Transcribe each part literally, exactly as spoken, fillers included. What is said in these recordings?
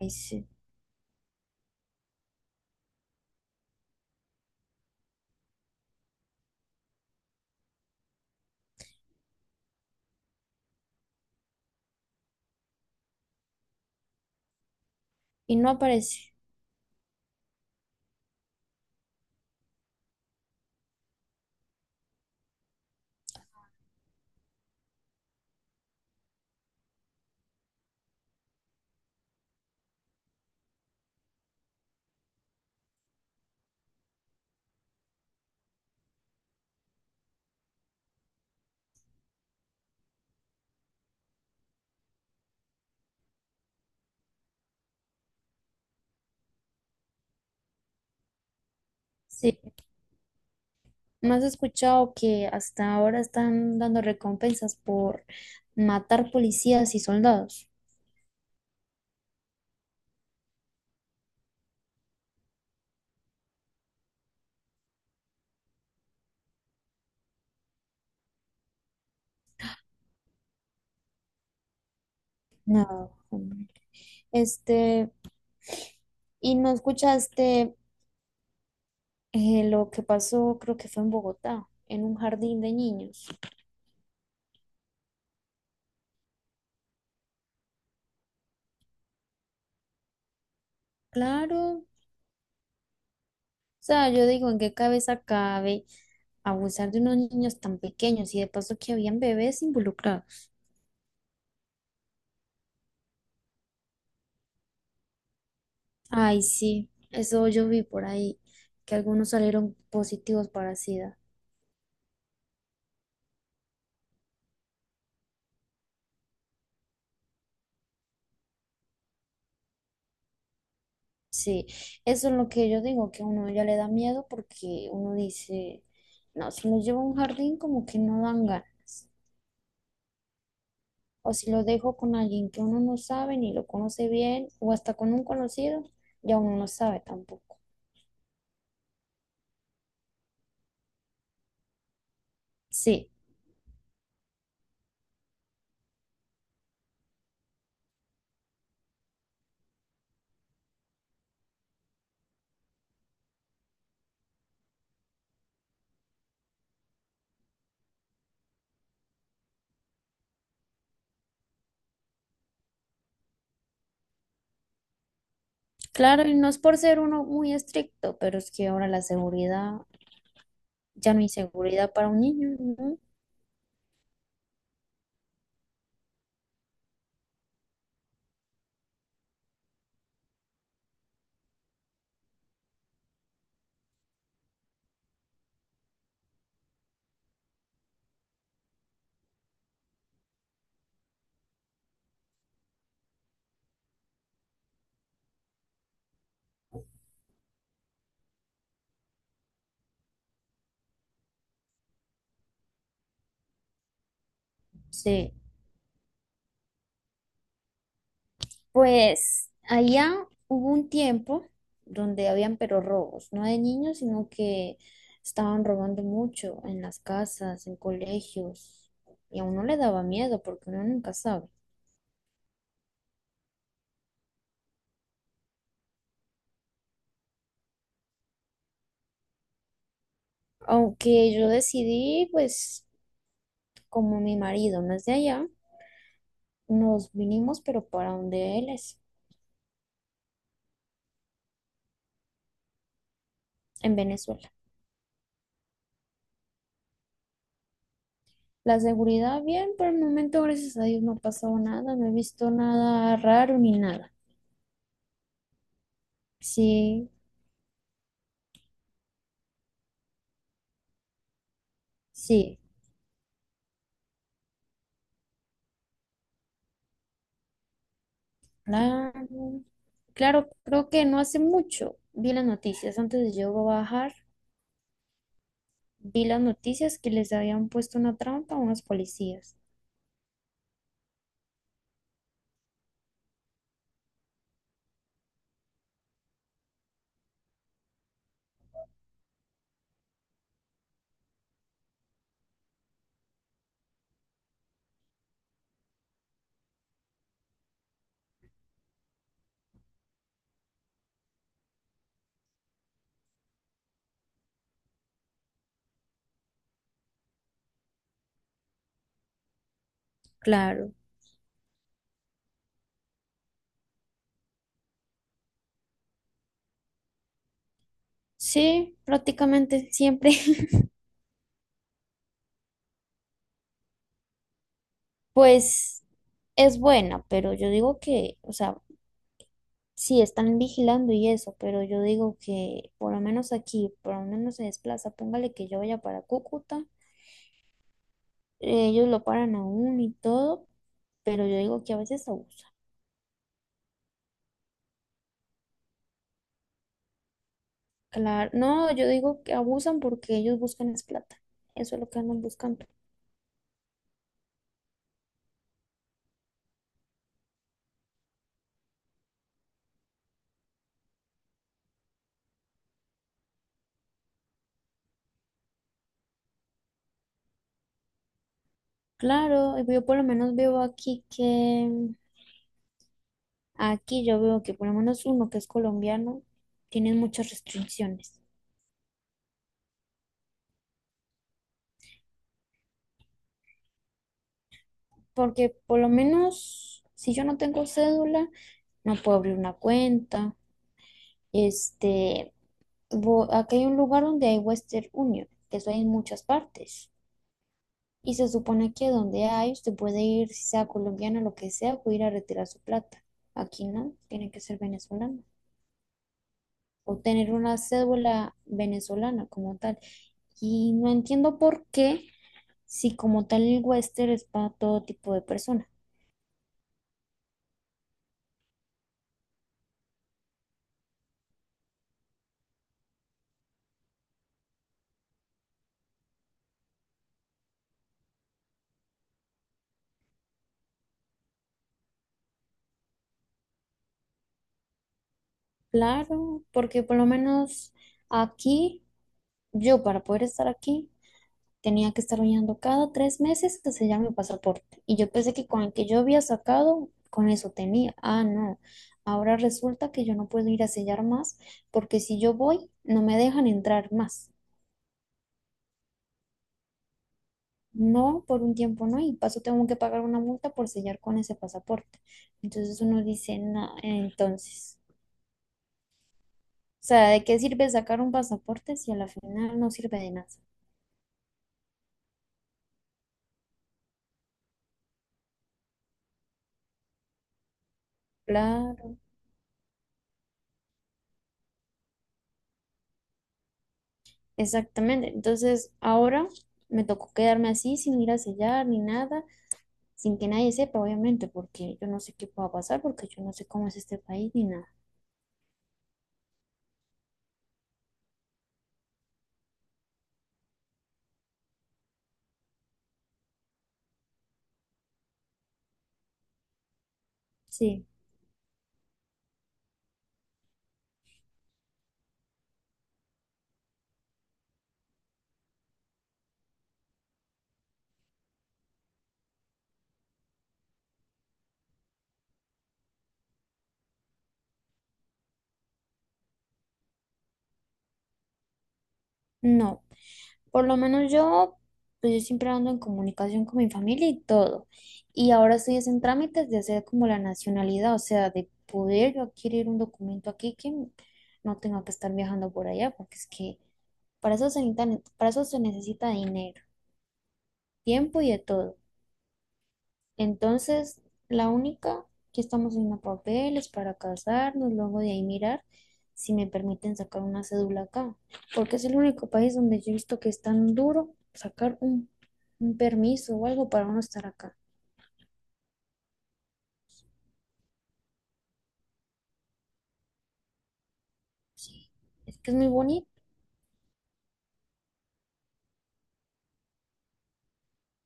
Ay, sí. Y no aparece. Sí. ¿No has escuchado que hasta ahora están dando recompensas por matar policías y soldados? No, hombre. Este, y no escuchaste eh, lo que pasó, creo que fue en Bogotá, en un jardín de niños. Claro, o sea, yo digo, ¿en qué cabeza cabe abusar de unos niños tan pequeños? Y de paso que habían bebés involucrados. Ay, sí, eso yo vi por ahí, que algunos salieron positivos para SIDA. Sí, eso es lo que yo digo, que a uno ya le da miedo porque uno dice, no, si lo llevo a un jardín como que no dan ganas. O si lo dejo con alguien que uno no sabe ni lo conoce bien, o hasta con un conocido, ya uno no sabe tampoco. Sí, claro, y no es por ser uno muy estricto, pero es que ahora la seguridad, ya no hay seguridad para un niño, ¿no? Sí. Pues allá hubo un tiempo donde habían pero robos, no de niños, sino que estaban robando mucho en las casas, en colegios, y a uno le daba miedo porque uno nunca sabe. Aunque yo decidí, pues como mi marido no es de allá, nos vinimos pero para donde él es, en Venezuela. La seguridad bien, por el momento, gracias a Dios, no ha pasado nada, no he visto nada raro ni nada. Sí, sí. Claro, claro, creo que no hace mucho vi las noticias, antes de yo bajar, vi las noticias que les habían puesto una trampa a unos policías. Claro, sí, prácticamente siempre, pues es buena, pero yo digo que, o sea, sí están vigilando y eso, pero yo digo que por lo menos aquí, por lo menos se desplaza, póngale que yo vaya para Cúcuta, ellos lo paran aún y todo, pero yo digo que a veces abusan. Claro, no, yo digo que abusan porque ellos buscan es plata. Eso es lo que andan buscando. Claro, eh, yo por lo menos veo aquí que, aquí yo veo que por lo menos uno que es colombiano tiene muchas restricciones. Porque por lo menos si yo no tengo cédula, no puedo abrir una cuenta. Este, bo- aquí hay un lugar donde hay Western Union, que eso hay en muchas partes. Y se supone que donde hay, usted puede ir, si sea colombiano, lo que sea, o ir a retirar su plata. Aquí no, tiene que ser venezolano. O tener una cédula venezolana como tal. Y no entiendo por qué, si como tal el Western es para todo tipo de personas. Claro, porque por lo menos aquí, yo para poder estar aquí, tenía que estar bañando cada tres meses que sellar mi pasaporte. Y yo pensé que con el que yo había sacado, con eso tenía. Ah, no. Ahora resulta que yo no puedo ir a sellar más porque si yo voy, no me dejan entrar más. No, por un tiempo no. Y paso tengo que pagar una multa por sellar con ese pasaporte. Entonces uno dice, no, entonces. O sea, ¿de qué sirve sacar un pasaporte si a la final no sirve de nada? Claro, exactamente. Entonces, ahora me tocó quedarme así sin ir a sellar ni nada. Sin que nadie sepa, obviamente, porque yo no sé qué pueda pasar, porque yo no sé cómo es este país ni nada. Sí, no. Por lo menos yo, pues yo siempre ando en comunicación con mi familia y todo. Y ahora estoy es en trámites de hacer como la nacionalidad, o sea, de poder yo adquirir un documento aquí que no tenga que estar viajando por allá, porque es que para eso se necesita, para eso se necesita dinero, tiempo y de todo. Entonces, la única que estamos haciendo papeles para casarnos, luego de ahí mirar si me permiten sacar una cédula acá, porque es el único país donde yo he visto que es tan duro sacar un, un permiso o algo para uno estar acá. Es que es muy bonito.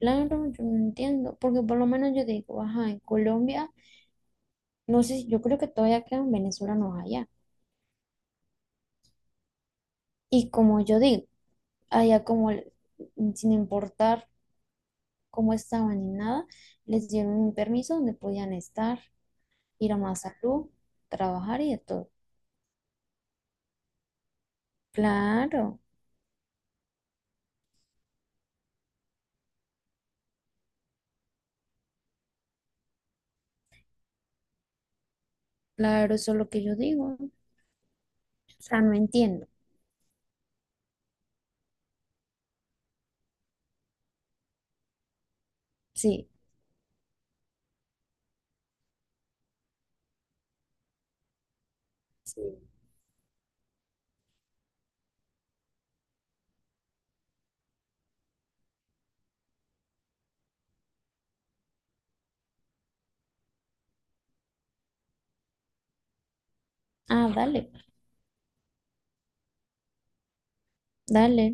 Claro, yo no entiendo, porque por lo menos yo digo, ajá, en Colombia, no sé, si- yo creo que todavía quedan venezolanos allá. Y como yo digo, allá como, el- sin importar cómo estaban ni nada, les dieron un permiso donde podían estar, ir a más salud, trabajar y de todo. Claro, claro, eso es lo que yo digo. O sea, no entiendo. Sí. Sí. Ah, dale, dale.